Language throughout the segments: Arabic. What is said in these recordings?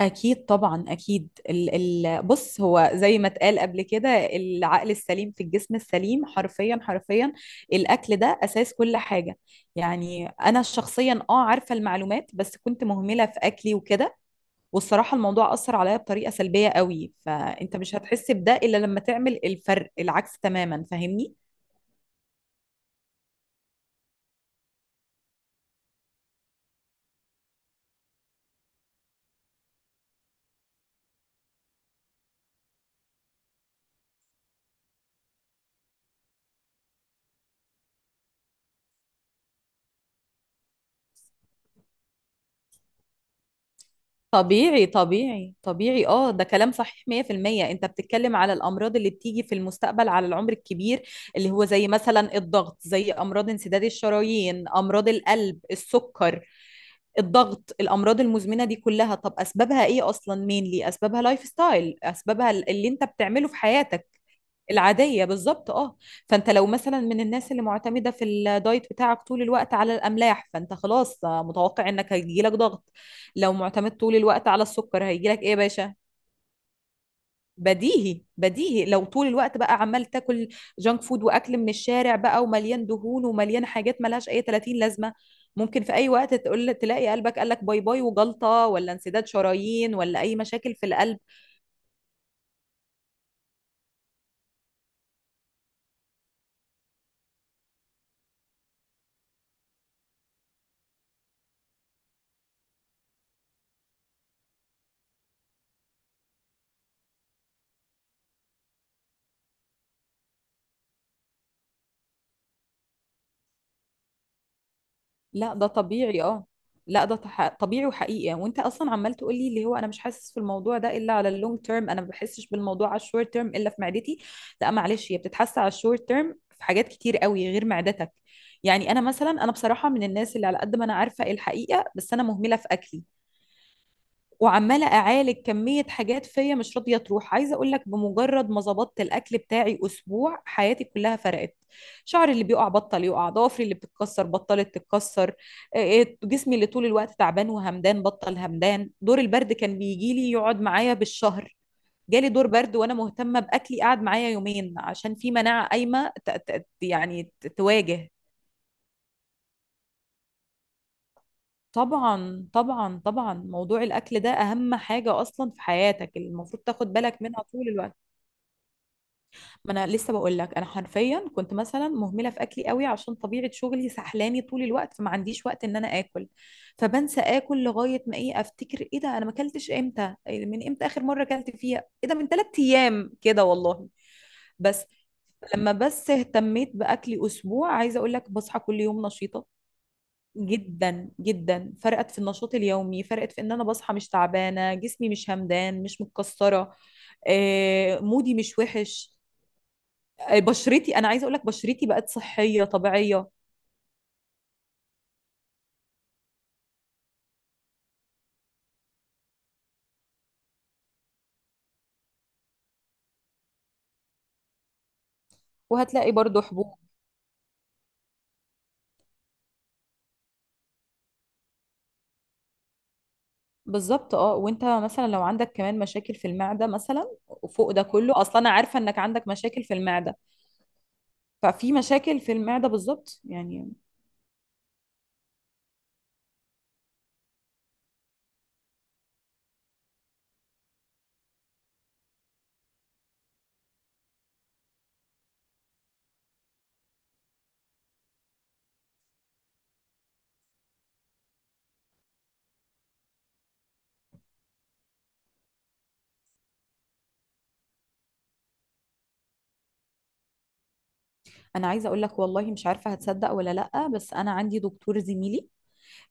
أكيد طبعا أكيد ال ال بص هو زي ما اتقال قبل كده، العقل السليم في الجسم السليم، حرفيا حرفيا. الأكل ده أساس كل حاجة. يعني أنا شخصيا عارفة المعلومات بس كنت مهملة في أكلي وكده، والصراحة الموضوع أثر عليا بطريقة سلبية قوي. فأنت مش هتحس بده إلا لما تعمل الفرق العكس تماما، فاهمني؟ طبيعي طبيعي طبيعي، ده كلام صحيح 100%. انت بتتكلم على الامراض اللي بتيجي في المستقبل على العمر الكبير، اللي هو زي مثلا الضغط، زي امراض انسداد الشرايين، امراض القلب، السكر، الضغط، الامراض المزمنه دي كلها. طب اسبابها ايه اصلا؟ مين ليه اسبابها؟ لايف ستايل. اسبابها اللي انت بتعمله في حياتك العادية، بالظبط، اه. فانت لو مثلا من الناس اللي معتمدة في الدايت بتاعك طول الوقت على الأملاح، فانت خلاص متوقع انك هيجيلك ضغط. لو معتمد طول الوقت على السكر، هيجيلك ايه يا باشا؟ بديهي بديهي. لو طول الوقت بقى عمال تاكل جانك فود واكل من الشارع بقى ومليان دهون ومليان حاجات ملهاش اي 30 لازمة، ممكن في اي وقت تقول تلاقي قلبك قالك باي باي، وجلطة ولا انسداد شرايين ولا اي مشاكل في القلب. لا ده طبيعي، اه. لا ده طبيعي وحقيقي يعني. وانت اصلا عمال تقول لي اللي هو انا مش حاسس في الموضوع ده الا على اللونج تيرم، انا ما بحسش بالموضوع على الشورت تيرم الا في معدتي. لا معلش، هي بتتحس على الشورت تيرم في حاجات كتير قوي غير معدتك. يعني انا مثلا بصراحه من الناس اللي على قد ما انا عارفه إيه الحقيقه، بس انا مهمله في اكلي، وعماله اعالج كميه حاجات فيا مش راضيه تروح. عايزه اقول لك بمجرد ما ظبطت الاكل بتاعي اسبوع، حياتي كلها فرقت. شعري اللي بيقع بطل يقع، ضوافري اللي بتتكسر بطلت تتكسر، آه، آه، جسمي اللي طول الوقت تعبان وهمدان بطل همدان. دور البرد كان بيجي لي يقعد معايا بالشهر، جالي دور برد وانا مهتمه باكلي قعد معايا يومين، عشان في مناعه قايمه تواجه. طبعا طبعا طبعا، موضوع الاكل ده اهم حاجه اصلا في حياتك، المفروض تاخد بالك منها طول الوقت. ما انا لسه بقول لك، انا حرفيا كنت مثلا مهمله في اكلي قوي عشان طبيعه شغلي سحلاني طول الوقت، فما عنديش وقت ان انا اكل، فبنسى اكل لغايه ما ايه، افتكر ايه ده انا ما اكلتش امتى، إيه من امتى اخر مره اكلت فيها، ايه ده من ثلاث ايام كده والله. بس لما اهتميت باكلي اسبوع، عايزه اقول لك بصحى كل يوم نشيطه، جدا جدا. فرقت في النشاط اليومي، فرقت في ان انا بصحى مش تعبانه، جسمي مش همدان، مش متكسره، آه، مودي مش وحش، آه، بشرتي، انا عايزه اقول لك بشرتي بقت صحيه طبيعيه. وهتلاقي برضو حبوب. بالظبط اه. وانت مثلا لو عندك كمان مشاكل في المعده مثلا، وفوق ده كله اصلا انا عارفه انك عندك مشاكل في المعده، ففي مشاكل في المعده بالظبط يعني. انا عايزه اقول لك والله مش عارفه هتصدق ولا لا، بس انا عندي دكتور زميلي،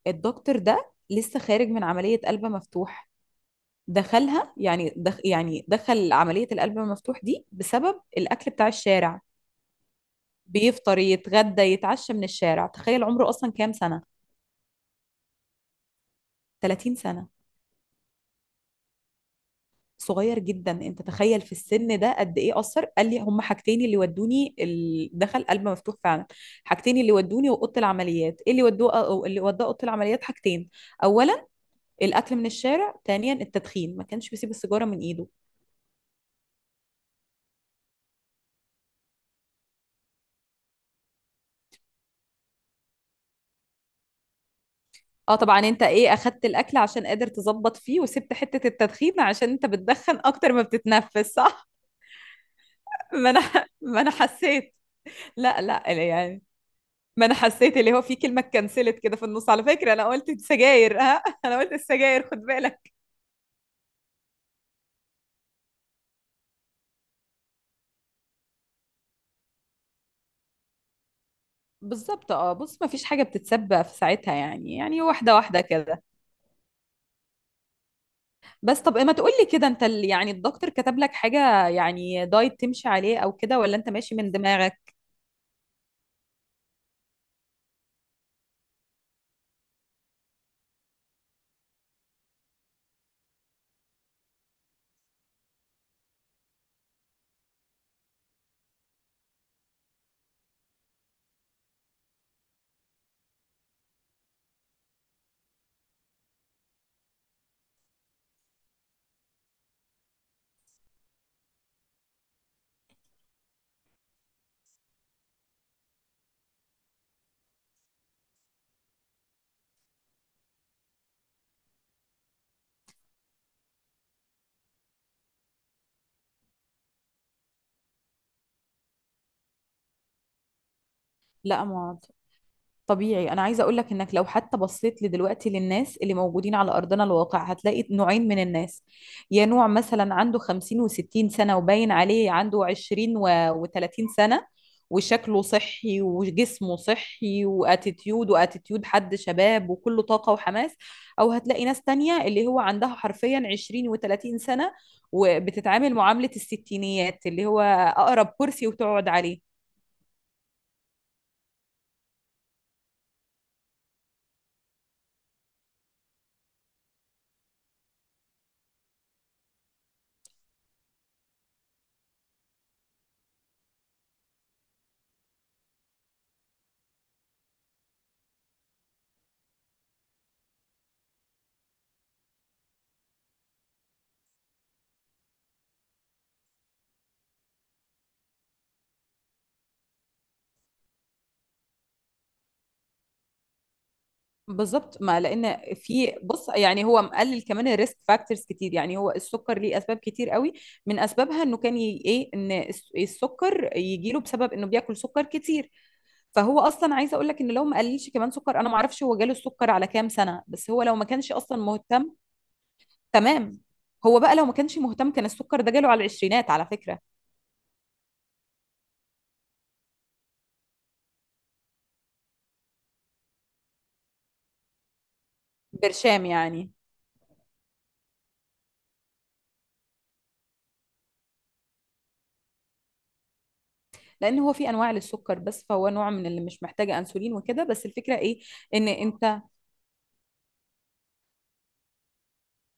الدكتور ده لسه خارج من عمليه قلب مفتوح. دخلها يعني دخ يعني دخل عمليه القلب المفتوح دي بسبب الاكل بتاع الشارع. بيفطر يتغدى يتعشى من الشارع، تخيل عمره اصلا كام سنه؟ 30 سنه، صغير جدا. انت تخيل في السن ده قد ايه اثر! قال لي هما حاجتين اللي ودوني دخل قلب مفتوح فعلا. حاجتين اللي ودوني واوضه العمليات، ايه اللي ودوه أو اللي وداه اوضه العمليات، حاجتين: اولا الاكل من الشارع، ثانيا التدخين، ما كانش بيسيب السيجاره من ايده. اه طبعا، انت ايه، اخدت الاكل عشان قادر تظبط فيه، وسبت حته التدخين عشان انت بتدخن اكتر ما بتتنفس، صح؟ ما انا ما انا حسيت. لا لا يعني، ما انا حسيت اللي هو في كلمه اتكنسلت كده في النص على فكره، انا قلت سجاير ها انا قلت السجاير، خد بالك. بالظبط اه. بص ما فيش حاجه بتتسبق في ساعتها يعني، يعني واحده واحده كده. بس طب ما تقولي كده، انت الدكتور كتب لك حاجه يعني دايت تمشي عليه او كده، ولا انت ماشي من دماغك؟ لا ما طبيعي. انا عايزه اقول لك انك لو حتى بصيت لدلوقتي للناس اللي موجودين على ارضنا الواقع، هتلاقي نوعين من الناس. يا نوع مثلا عنده 50 و60 سنه وباين عليه عنده 20 و30 سنه وشكله صحي وجسمه صحي، واتيتيود حد شباب وكله طاقه وحماس. او هتلاقي ناس تانية اللي هو عندها حرفيا 20 و30 سنه وبتتعامل معامله الستينيات، اللي هو اقرب كرسي وتقعد عليه. بالظبط. ما لان في، بص يعني، هو مقلل كمان الريسك فاكتورز كتير، يعني هو السكر ليه اسباب كتير قوي. من اسبابها انه كان ي... ايه ان السكر يجي له بسبب انه بياكل سكر كتير. فهو اصلا عايزه اقول لك ان لو ما قللش كمان سكر، انا ما اعرفش هو جاله السكر على كام سنه، بس هو لو ما كانش اصلا مهتم. تمام. هو بقى لو ما كانش مهتم، كان السكر ده جاله على العشرينات على فكره. برشام يعني. لان هو في انواع للسكر، بس فهو نوع من اللي مش محتاجه انسولين وكده، بس الفكره ايه، ان انت،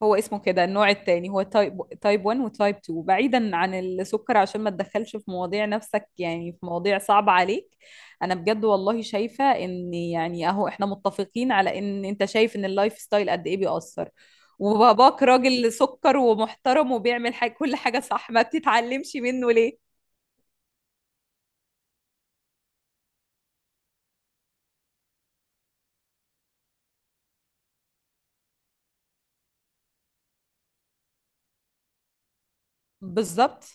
هو اسمه كده النوع التاني، هو تايب 1 وتايب 2. بعيدا عن السكر عشان ما تدخلش في مواضيع نفسك، يعني في مواضيع صعبة عليك. انا بجد والله شايفة ان يعني اهو احنا متفقين على ان انت شايف ان اللايف ستايل قد ايه بيأثر. وباباك راجل سكر ومحترم وبيعمل حاجة كل حاجة صح، ما بتتعلمش منه ليه؟ بالظبط،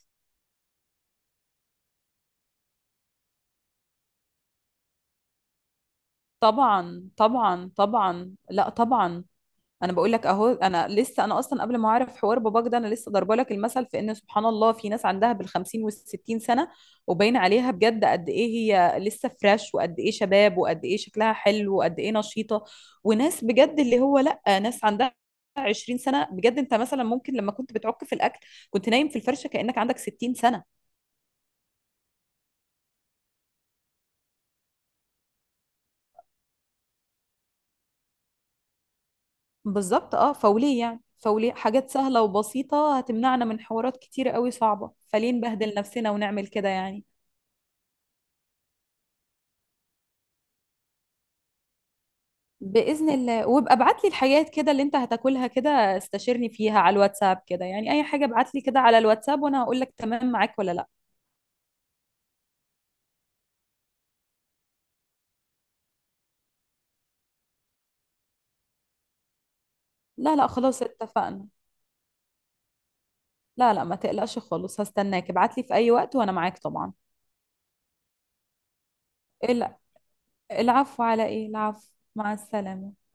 طبعا طبعا طبعا، لا طبعا. انا بقول لك اهو، انا لسه، انا اصلا قبل ما اعرف حوار باباك ده، انا لسه ضربه لك المثل في ان سبحان الله في ناس عندها بالخمسين والستين سنه وباين عليها بجد قد ايه هي لسه فريش، وقد ايه شباب، وقد ايه شكلها حلو، وقد ايه نشيطه. وناس بجد اللي هو لا، ناس عندها 20 سنه بجد، انت مثلا ممكن لما كنت بتعك في الاكل كنت نايم في الفرشه كانك عندك 60 سنه. بالظبط اه. فوليه يعني، فوليه حاجات سهله وبسيطه هتمنعنا من حوارات كتيره قوي صعبه، فليه نبهدل نفسنا ونعمل كده يعني؟ بإذن الله. وابقى ابعت لي الحاجات كده اللي انت هتاكلها كده، استشيرني فيها على الواتساب كده. يعني اي حاجة ابعت لي كده على الواتساب وانا هقول لك تمام معاك ولا لا. لا لا خلاص اتفقنا. لا لا ما تقلقش خالص، هستناك ابعت لي في اي وقت وانا معاك طبعا. الع- العفو على ايه؟ العفو. مع السلامة.